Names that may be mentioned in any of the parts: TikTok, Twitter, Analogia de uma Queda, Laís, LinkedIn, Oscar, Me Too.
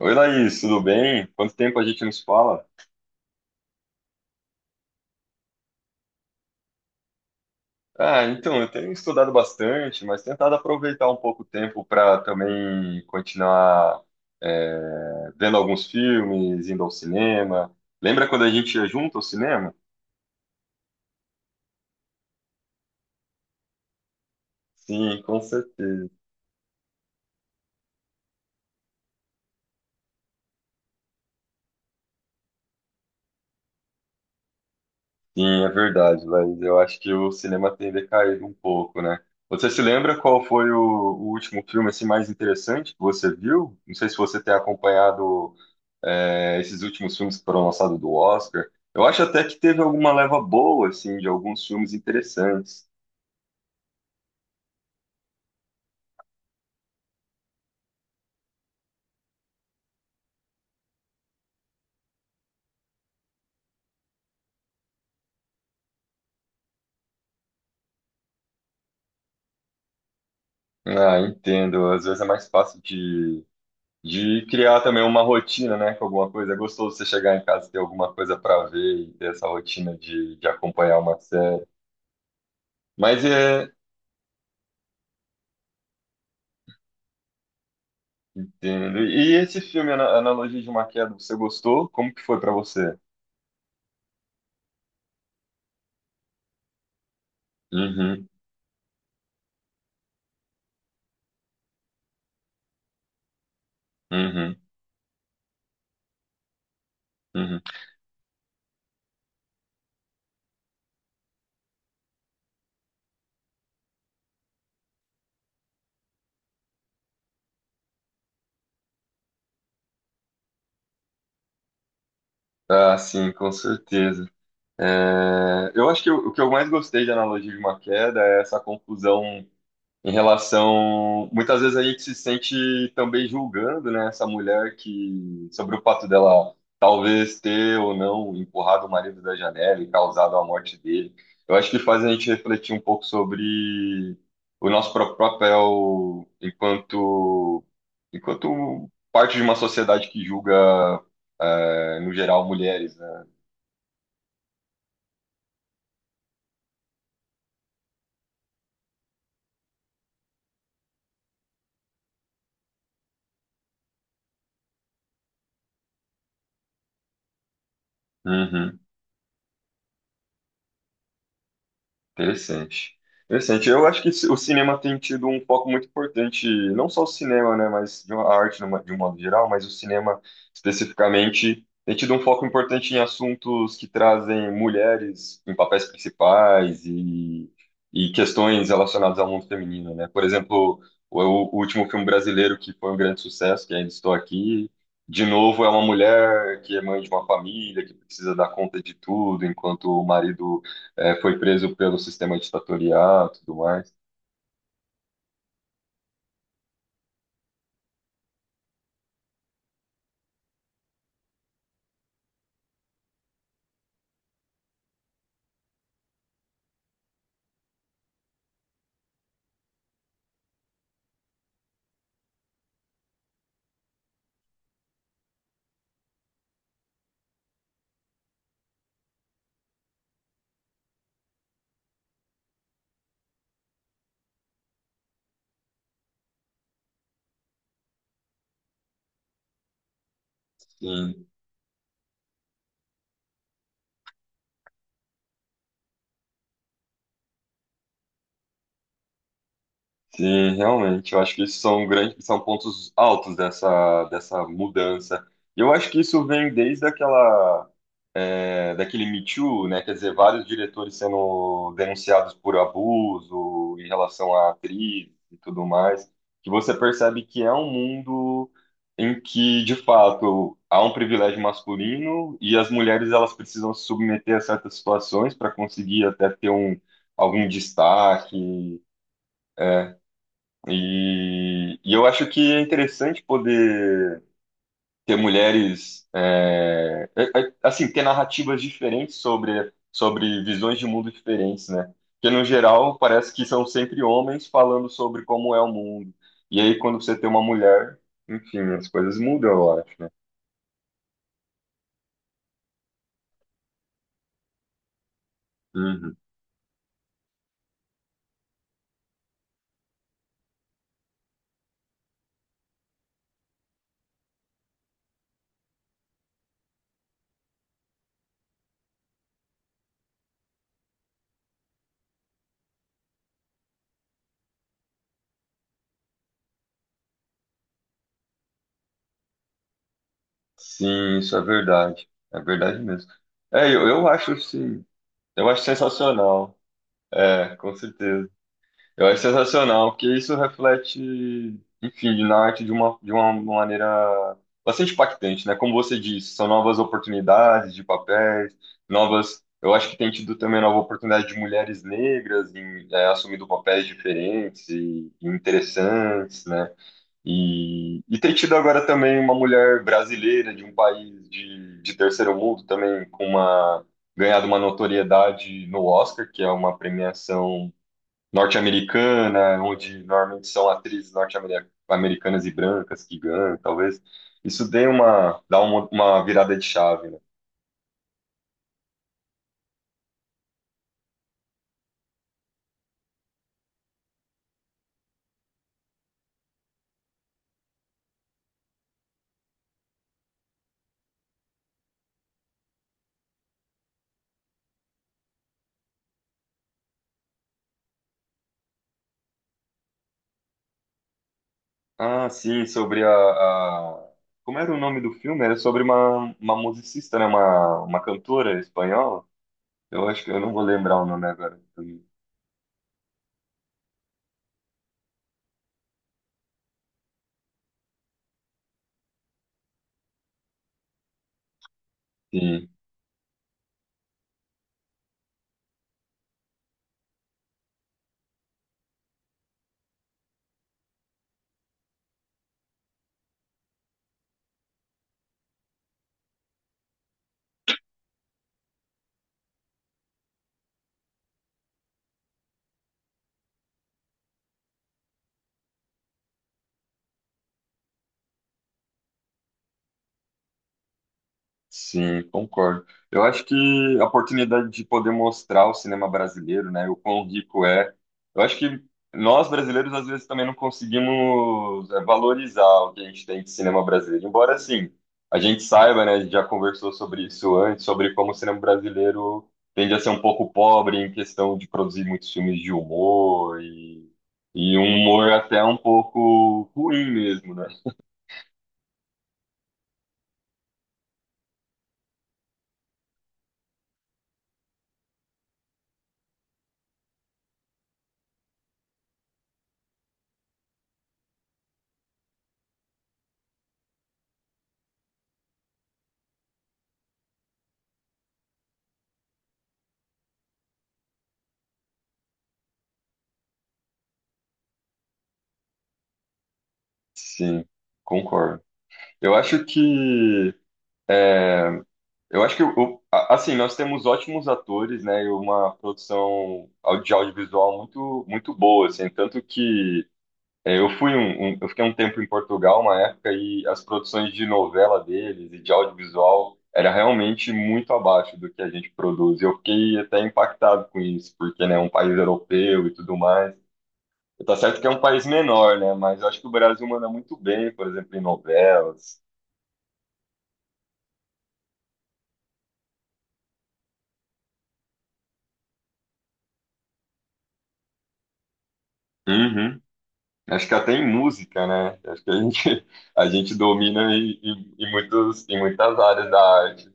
Oi, Laís, tudo bem? Quanto tempo a gente não se fala? Eu tenho estudado bastante, mas tentado aproveitar um pouco o tempo para também continuar vendo alguns filmes, indo ao cinema. Lembra quando a gente ia junto ao cinema? Sim, com certeza. Sim, é verdade, Laís. Eu acho que o cinema tem decaído um pouco, né? Você se lembra qual foi o último filme assim, mais interessante que você viu? Não sei se você tem acompanhado esses últimos filmes que foram lançados do Oscar. Eu acho até que teve alguma leva boa, assim, de alguns filmes interessantes. Ah, entendo. Às vezes é mais fácil de criar também uma rotina, né, com alguma coisa. É gostoso você chegar em casa e ter alguma coisa para ver e ter essa rotina de acompanhar uma série. Mas é. Entendo. E esse filme, Analogia de uma Queda, você gostou? Como que foi para você? Uhum, uhum, uhum. Ah, sim, com certeza. É, eu acho que o que eu mais gostei de analogia de uma queda é essa confusão em relação. Muitas vezes a gente se sente também julgando, né, essa mulher que, sobre o fato dela talvez ter ou não empurrado o marido da janela e causado a morte dele. Eu acho que faz a gente refletir um pouco sobre o nosso próprio papel enquanto parte de uma sociedade que julga, no geral, mulheres, né? Uhum. Interessante. Interessante. Eu acho que o cinema tem tido um foco muito importante, não só o cinema, né, mas a arte de um modo geral, mas o cinema especificamente tem tido um foco importante em assuntos que trazem mulheres em papéis principais e questões relacionadas ao mundo feminino, né? Por exemplo, o último filme brasileiro que foi um grande sucesso, que é ainda estou aqui, de novo é uma mulher que é mãe de uma família, que precisa dar conta de tudo, enquanto o marido foi preso pelo sistema ditatorial, e tudo mais. Sim, sim, realmente. Eu acho que isso são grandes, são pontos altos dessa mudança. E eu acho que isso vem desde aquela daquele Me Too, né? Quer dizer, vários diretores sendo denunciados por abuso em relação à atriz e tudo mais, que você percebe que é um mundo em que, de fato, há um privilégio masculino e as mulheres elas precisam se submeter a certas situações para conseguir até ter um, algum destaque. E eu acho que é interessante poder ter mulheres, assim, ter narrativas diferentes sobre, sobre visões de mundo diferentes, né? Porque, no geral, parece que são sempre homens falando sobre como é o mundo. E aí, quando você tem uma mulher, enfim, as coisas mudam, eu acho, né? Uhum. Sim, isso é verdade. É verdade mesmo. É, eu acho, sim, eu acho sensacional. É, com certeza. Eu acho sensacional, porque isso reflete, enfim, na arte de de uma maneira bastante impactante, né? Como você disse, são novas oportunidades de papéis, novas. Eu acho que tem tido também nova oportunidade de mulheres negras em, é, assumindo papéis diferentes e interessantes, né? E tem tido agora também uma mulher brasileira de um país de terceiro mundo também com uma ganhado uma notoriedade no Oscar, que é uma premiação norte-americana, onde normalmente são atrizes norte-americanas e brancas que ganham, talvez isso dê uma, dá uma virada de chave, né? Ah, sim, sobre a- Como era o nome do filme? Era sobre uma musicista, né? Uma cantora espanhola. Eu acho que eu não vou lembrar o nome agora. Sim. Sim, concordo. Eu acho que a oportunidade de poder mostrar o cinema brasileiro, né, o quão rico é. Eu acho que nós brasileiros às vezes também não conseguimos é, valorizar o que a gente tem de cinema brasileiro. Embora assim, a gente saiba, né, a gente já conversou sobre isso antes, sobre como o cinema brasileiro tende a ser um pouco pobre em questão de produzir muitos filmes de humor e um humor até um pouco ruim mesmo, né? Sim, concordo. Eu acho que Eu acho que, assim, nós temos ótimos atores, né, e uma produção de audiovisual muito, muito boa, assim, tanto que é, eu fui eu fiquei um tempo em Portugal, uma época, e as produções de novela deles e de audiovisual era realmente muito abaixo do que a gente produz. Eu fiquei até impactado com isso, porque, né, é um país europeu e tudo mais. Tá certo que é um país menor, né, mas eu acho que o Brasil manda muito bem, por exemplo, em novelas. Uhum. Acho que até em música, né? Acho que a gente, a gente domina em, em, em muitos, em muitas áreas da arte.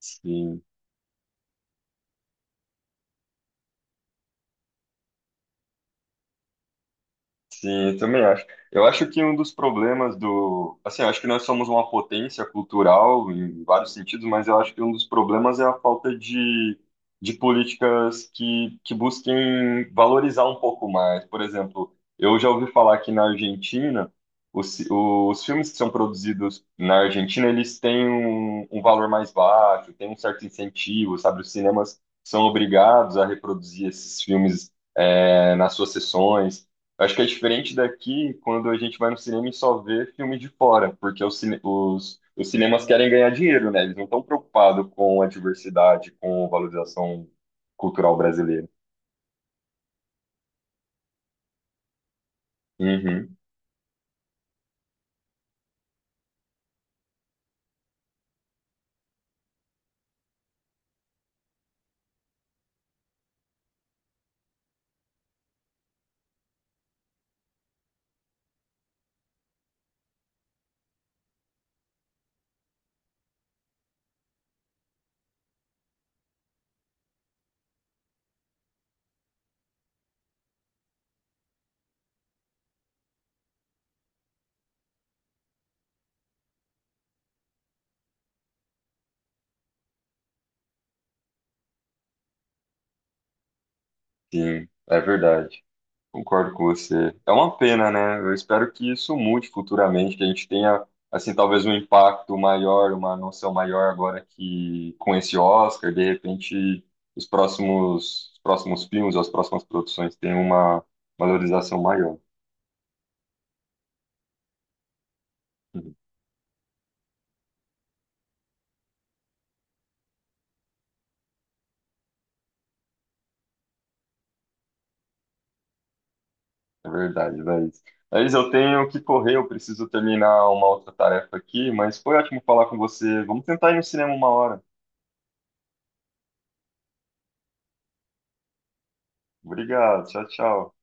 Sim. Sim, eu também acho. Eu acho que um dos problemas do. Assim, eu acho que nós somos uma potência cultural em vários sentidos, mas eu acho que um dos problemas é a falta de políticas que busquem valorizar um pouco mais. Por exemplo, eu já ouvi falar que na Argentina, os filmes que são produzidos na Argentina, eles têm um, um valor mais baixo, tem um certo incentivo, sabe? Os cinemas são obrigados a reproduzir esses filmes, nas suas sessões. Acho que é diferente daqui quando a gente vai no cinema e só vê filme de fora, porque os cinemas querem ganhar dinheiro, né? Eles não estão preocupados com a diversidade, com a valorização cultural brasileira. Uhum, sim, é verdade. Concordo com você. É uma pena, né? Eu espero que isso mude futuramente, que a gente tenha, assim, talvez um impacto maior, uma noção maior agora que com esse Oscar, de repente os próximos filmes, as próximas produções tenham uma valorização maior. Uhum. É verdade, Laís. Laís, eu tenho que correr, eu preciso terminar uma outra tarefa aqui, mas foi ótimo falar com você. Vamos tentar ir no cinema uma hora. Obrigado, tchau, tchau.